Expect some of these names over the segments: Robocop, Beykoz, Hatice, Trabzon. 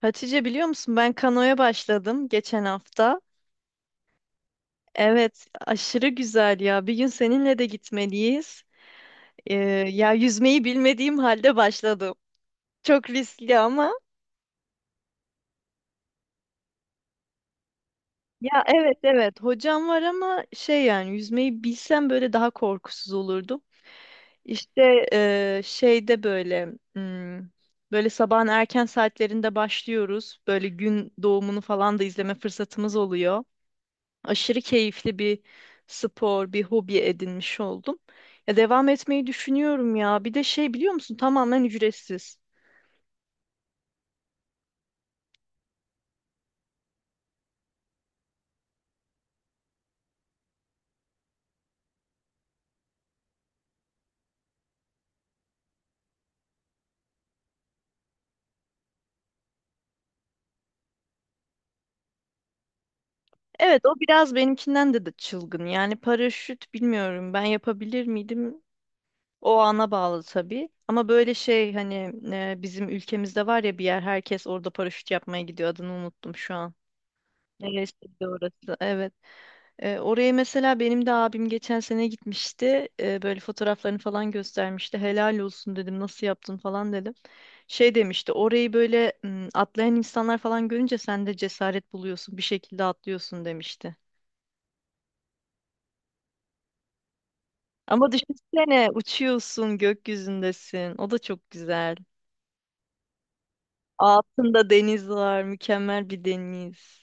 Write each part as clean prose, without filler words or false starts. Hatice biliyor musun ben kanoya başladım geçen hafta. Evet, aşırı güzel ya. Bir gün seninle de gitmeliyiz. Ee, Ya yüzmeyi bilmediğim halde başladım. Çok riskli ama. Ya evet evet hocam var ama şey yani yüzmeyi bilsem böyle daha korkusuz olurdum. İşte şeyde böyle hmm, böyle sabahın erken saatlerinde başlıyoruz. Böyle gün doğumunu falan da izleme fırsatımız oluyor. Aşırı keyifli bir spor, bir hobi edinmiş oldum. Ya devam etmeyi düşünüyorum ya. Bir de şey biliyor musun? Tamamen ücretsiz. Evet, o biraz benimkinden de çılgın. Yani paraşüt bilmiyorum. Ben yapabilir miydim? O ana bağlı tabii. Ama böyle şey hani bizim ülkemizde var ya bir yer, herkes orada paraşüt yapmaya gidiyor. Adını unuttum şu an. Neresiydi orası? Evet. Oraya mesela benim de abim geçen sene gitmişti. Böyle fotoğraflarını falan göstermişti. Helal olsun dedim. Nasıl yaptın falan dedim. Şey demişti. Orayı böyle atlayan insanlar falan görünce sen de cesaret buluyorsun. Bir şekilde atlıyorsun demişti. Ama düşünsene, uçuyorsun, gökyüzündesin. O da çok güzel. Altında deniz var. Mükemmel bir deniz.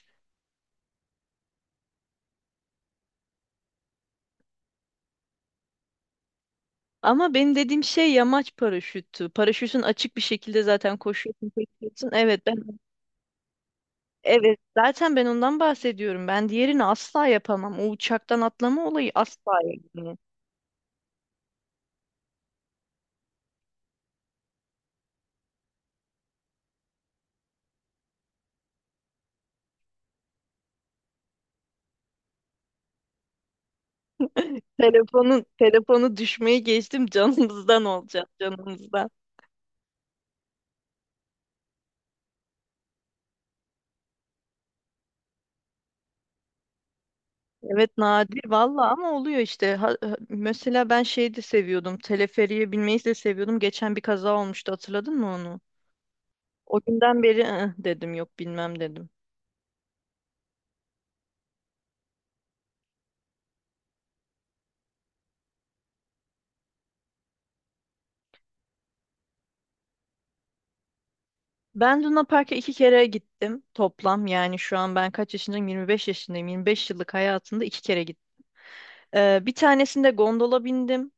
Ama benim dediğim şey yamaç paraşütü. Paraşütün açık bir şekilde zaten koşuyorsun. Evet, ben. Evet, zaten ben ondan bahsediyorum. Ben diğerini asla yapamam. O uçaktan atlama olayı asla yani. Telefonun düşmeyi geçtim, canımızdan olacak, canımızdan. Evet, nadir valla ama oluyor işte. Mesela ben şeyi de seviyordum. Teleferiye binmeyi de seviyordum. Geçen bir kaza olmuştu, hatırladın mı onu? O günden beri "Ih," dedim, yok bilmem dedim. Ben Luna Park'a iki kere gittim toplam. Yani şu an ben kaç yaşındayım? 25 yaşındayım. 25 yıllık hayatımda iki kere. Bir tanesinde gondola bindim.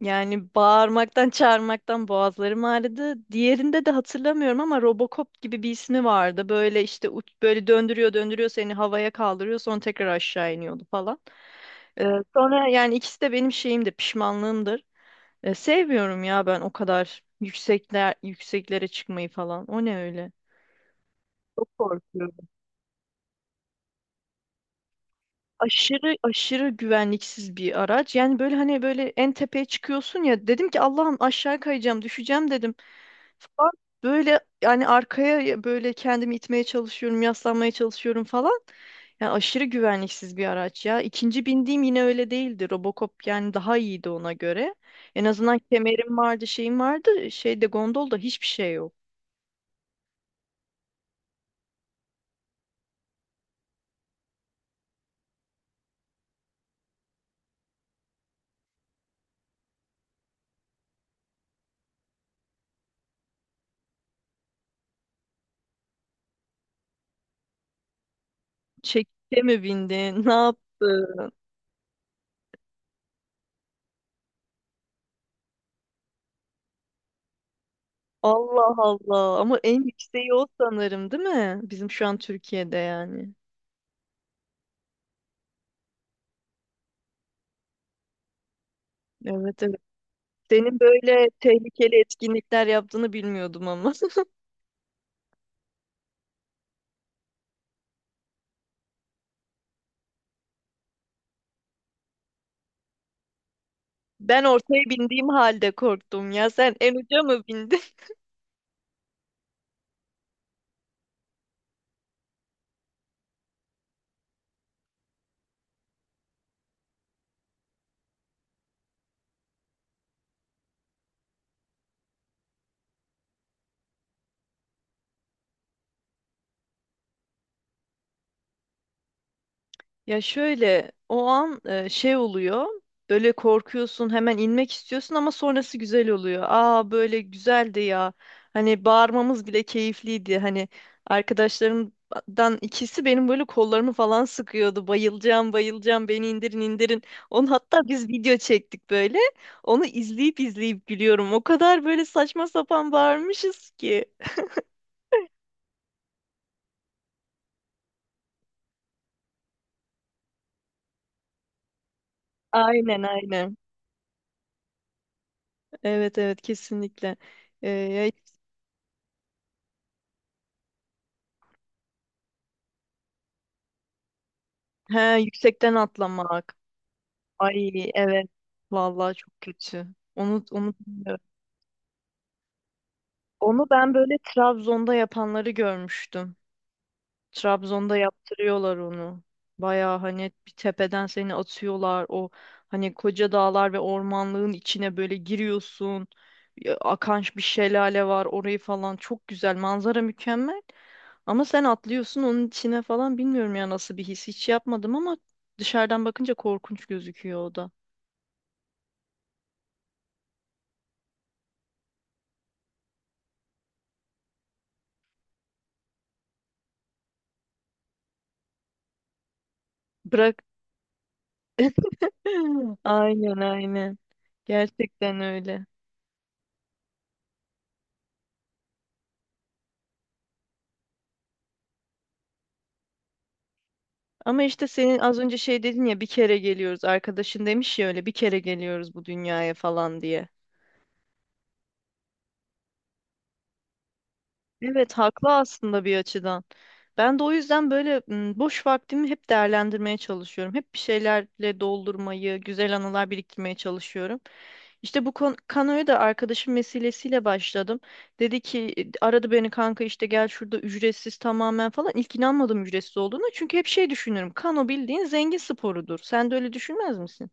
Yani bağırmaktan, çağırmaktan boğazlarım ağrıdı. Diğerinde de hatırlamıyorum ama Robocop gibi bir ismi vardı. Böyle işte uç, böyle döndürüyor, döndürüyor, seni havaya kaldırıyor, sonra tekrar aşağı iniyordu falan. Ee, Sonra yani ikisi de benim şeyimdir, pişmanlığımdır. Sevmiyorum ya ben o kadar yükseklere çıkmayı falan. O ne öyle? Çok korkuyorum. Aşırı aşırı güvenliksiz bir araç. Yani böyle hani böyle en tepeye çıkıyorsun ya, dedim ki Allah'ım aşağı kayacağım, düşeceğim dedim. Falan. Böyle yani arkaya böyle kendimi itmeye çalışıyorum, yaslanmaya çalışıyorum falan. Yani aşırı güvenliksiz bir araç ya. İkinci bindiğim yine öyle değildi. Robocop yani daha iyiydi ona göre. En azından kemerim vardı, şeyim vardı. Şeyde, gondolda hiçbir şey yok. Çekte mi bindin? Ne yaptın? Allah Allah. Ama en yükseği o sanırım, değil mi? Bizim şu an Türkiye'de yani. Evet evet. Senin böyle tehlikeli etkinlikler yaptığını bilmiyordum ama. Ben ortaya bindiğim halde korktum ya. Sen en uca mı bindin? Ya şöyle o an şey oluyor. Böyle korkuyorsun, hemen inmek istiyorsun ama sonrası güzel oluyor. Aa, böyle güzeldi ya. Hani bağırmamız bile keyifliydi. Hani arkadaşlarımdan ikisi benim böyle kollarımı falan sıkıyordu. Bayılacağım, bayılacağım, beni indirin, indirin. Onu hatta biz video çektik böyle. Onu izleyip izleyip gülüyorum. O kadar böyle saçma sapan bağırmışız ki. Aynen aynen. Evet evet, kesinlikle. Ee, ya- he, yüksekten atlamak. Ay evet. Vallahi çok kötü. Onu bilmiyorum. Onu ben böyle Trabzon'da yapanları görmüştüm. Trabzon'da yaptırıyorlar onu. Baya hani bir tepeden seni atıyorlar. O hani koca dağlar ve ormanlığın içine böyle giriyorsun. Ya, akan bir şelale var, orayı falan. Çok güzel. Manzara mükemmel. Ama sen atlıyorsun onun içine falan. Bilmiyorum ya nasıl bir his. Hiç yapmadım ama dışarıdan bakınca korkunç gözüküyor o da. Bırak. Aynen aynen. Gerçekten öyle. Ama işte senin az önce şey dedin ya, bir kere geliyoruz, arkadaşın demiş ya, öyle bir kere geliyoruz bu dünyaya falan diye. Evet, haklı aslında bir açıdan. Ben de o yüzden böyle boş vaktimi hep değerlendirmeye çalışıyorum. Hep bir şeylerle doldurmayı, güzel anılar biriktirmeye çalışıyorum. İşte bu kanoya da arkadaşım vesilesiyle başladım. Dedi ki "E, aradı beni kanka, işte gel, şurada ücretsiz tamamen" falan. İlk inanmadım ücretsiz olduğuna. Çünkü hep şey düşünürüm. Kano bildiğin zengin sporudur. Sen de öyle düşünmez misin?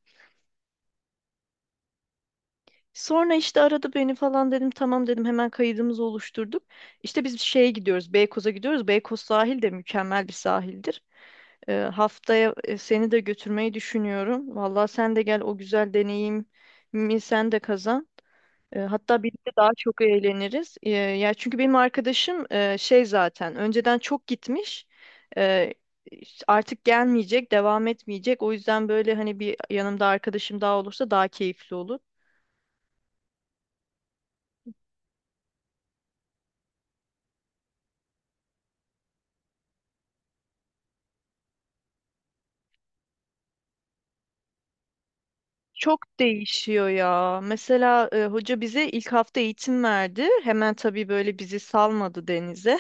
Sonra işte aradı beni falan, dedim tamam, dedim, hemen kaydımızı oluşturduk. İşte biz şeye gidiyoruz, Beykoz'a gidiyoruz. Beykoz sahil de mükemmel bir sahildir. Haftaya seni de götürmeyi düşünüyorum. Vallahi sen de gel, o güzel deneyimi sen de kazan. Hatta birlikte daha çok eğleniriz. Ya çünkü benim arkadaşım şey zaten önceden çok gitmiş. Ee, Artık gelmeyecek, devam etmeyecek. O yüzden böyle hani bir yanımda arkadaşım daha olursa daha keyifli olur. Çok değişiyor ya. Mesela hoca bize ilk hafta eğitim verdi. Hemen tabii böyle bizi salmadı denize.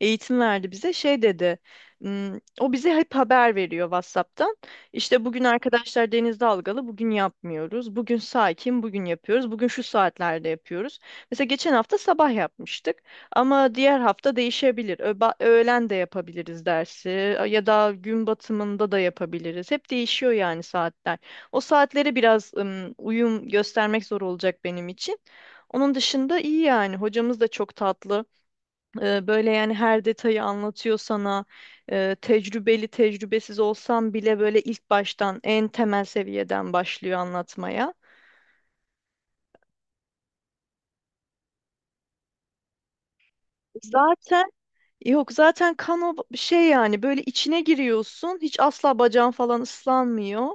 Eğitim verdi bize. Şey dedi. "Hmm." O bize hep haber veriyor WhatsApp'tan. İşte bugün arkadaşlar deniz dalgalı, bugün yapmıyoruz. Bugün sakin, bugün yapıyoruz. Bugün şu saatlerde yapıyoruz. Mesela geçen hafta sabah yapmıştık ama diğer hafta değişebilir. Öğlen de yapabiliriz dersi, ya da gün batımında da yapabiliriz. Hep değişiyor yani saatler. O saatlere biraz uyum göstermek zor olacak benim için. Onun dışında iyi yani. Hocamız da çok tatlı. Böyle yani her detayı anlatıyor sana. Tecrübeli tecrübesiz olsam bile böyle ilk baştan en temel seviyeden başlıyor anlatmaya. Zaten yok, zaten kano şey yani böyle içine giriyorsun. Hiç asla bacağın falan ıslanmıyor.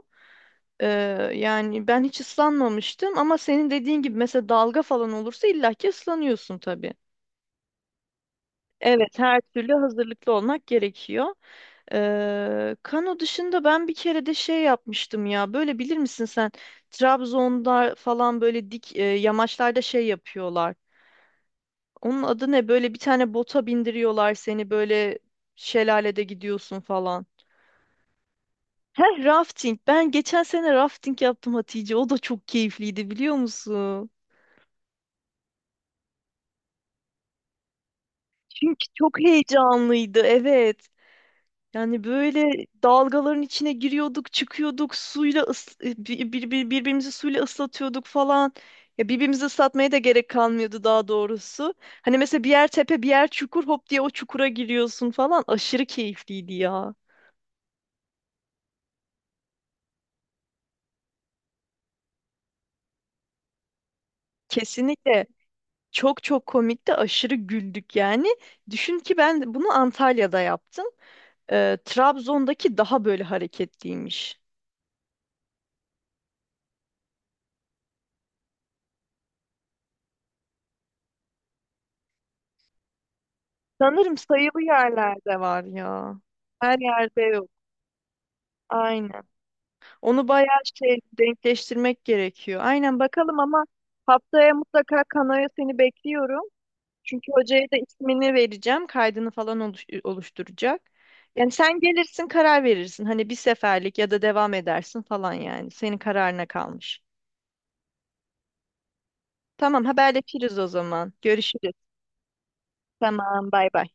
E, Yani ben hiç ıslanmamıştım ama senin dediğin gibi mesela dalga falan olursa illaki ıslanıyorsun tabii. Evet, her türlü hazırlıklı olmak gerekiyor. Kano dışında ben bir kere de şey yapmıştım ya. Böyle bilir misin sen? Trabzon'da falan böyle dik yamaçlarda şey yapıyorlar. Onun adı ne? Böyle bir tane bota bindiriyorlar seni, böyle şelalede gidiyorsun falan. Heh, rafting. Ben geçen sene rafting yaptım Hatice. O da çok keyifliydi, biliyor musun? Çünkü çok heyecanlıydı. Evet. Yani böyle dalgaların içine giriyorduk, çıkıyorduk, suyla birbirimizi suyla ıslatıyorduk falan. Ya birbirimizi ıslatmaya da gerek kalmıyordu daha doğrusu. Hani mesela bir yer tepe, bir yer çukur, hop diye o çukura giriyorsun falan. Aşırı keyifliydi ya. Kesinlikle. Çok çok komikti, aşırı güldük yani. Düşün ki ben bunu Antalya'da yaptım. Trabzon'daki daha böyle hareketliymiş. Sanırım sayılı yerlerde var ya. Her yerde yok. Aynen. Onu bayağı şey denkleştirmek gerekiyor. Aynen, bakalım ama haftaya mutlaka kanoya seni bekliyorum. Çünkü hocaya da ismini vereceğim. Kaydını falan oluşturacak. Yani sen gelirsin, karar verirsin. Hani bir seferlik ya da devam edersin falan yani. Senin kararına kalmış. Tamam, haberleşiriz o zaman. Görüşürüz. Tamam, bay bay.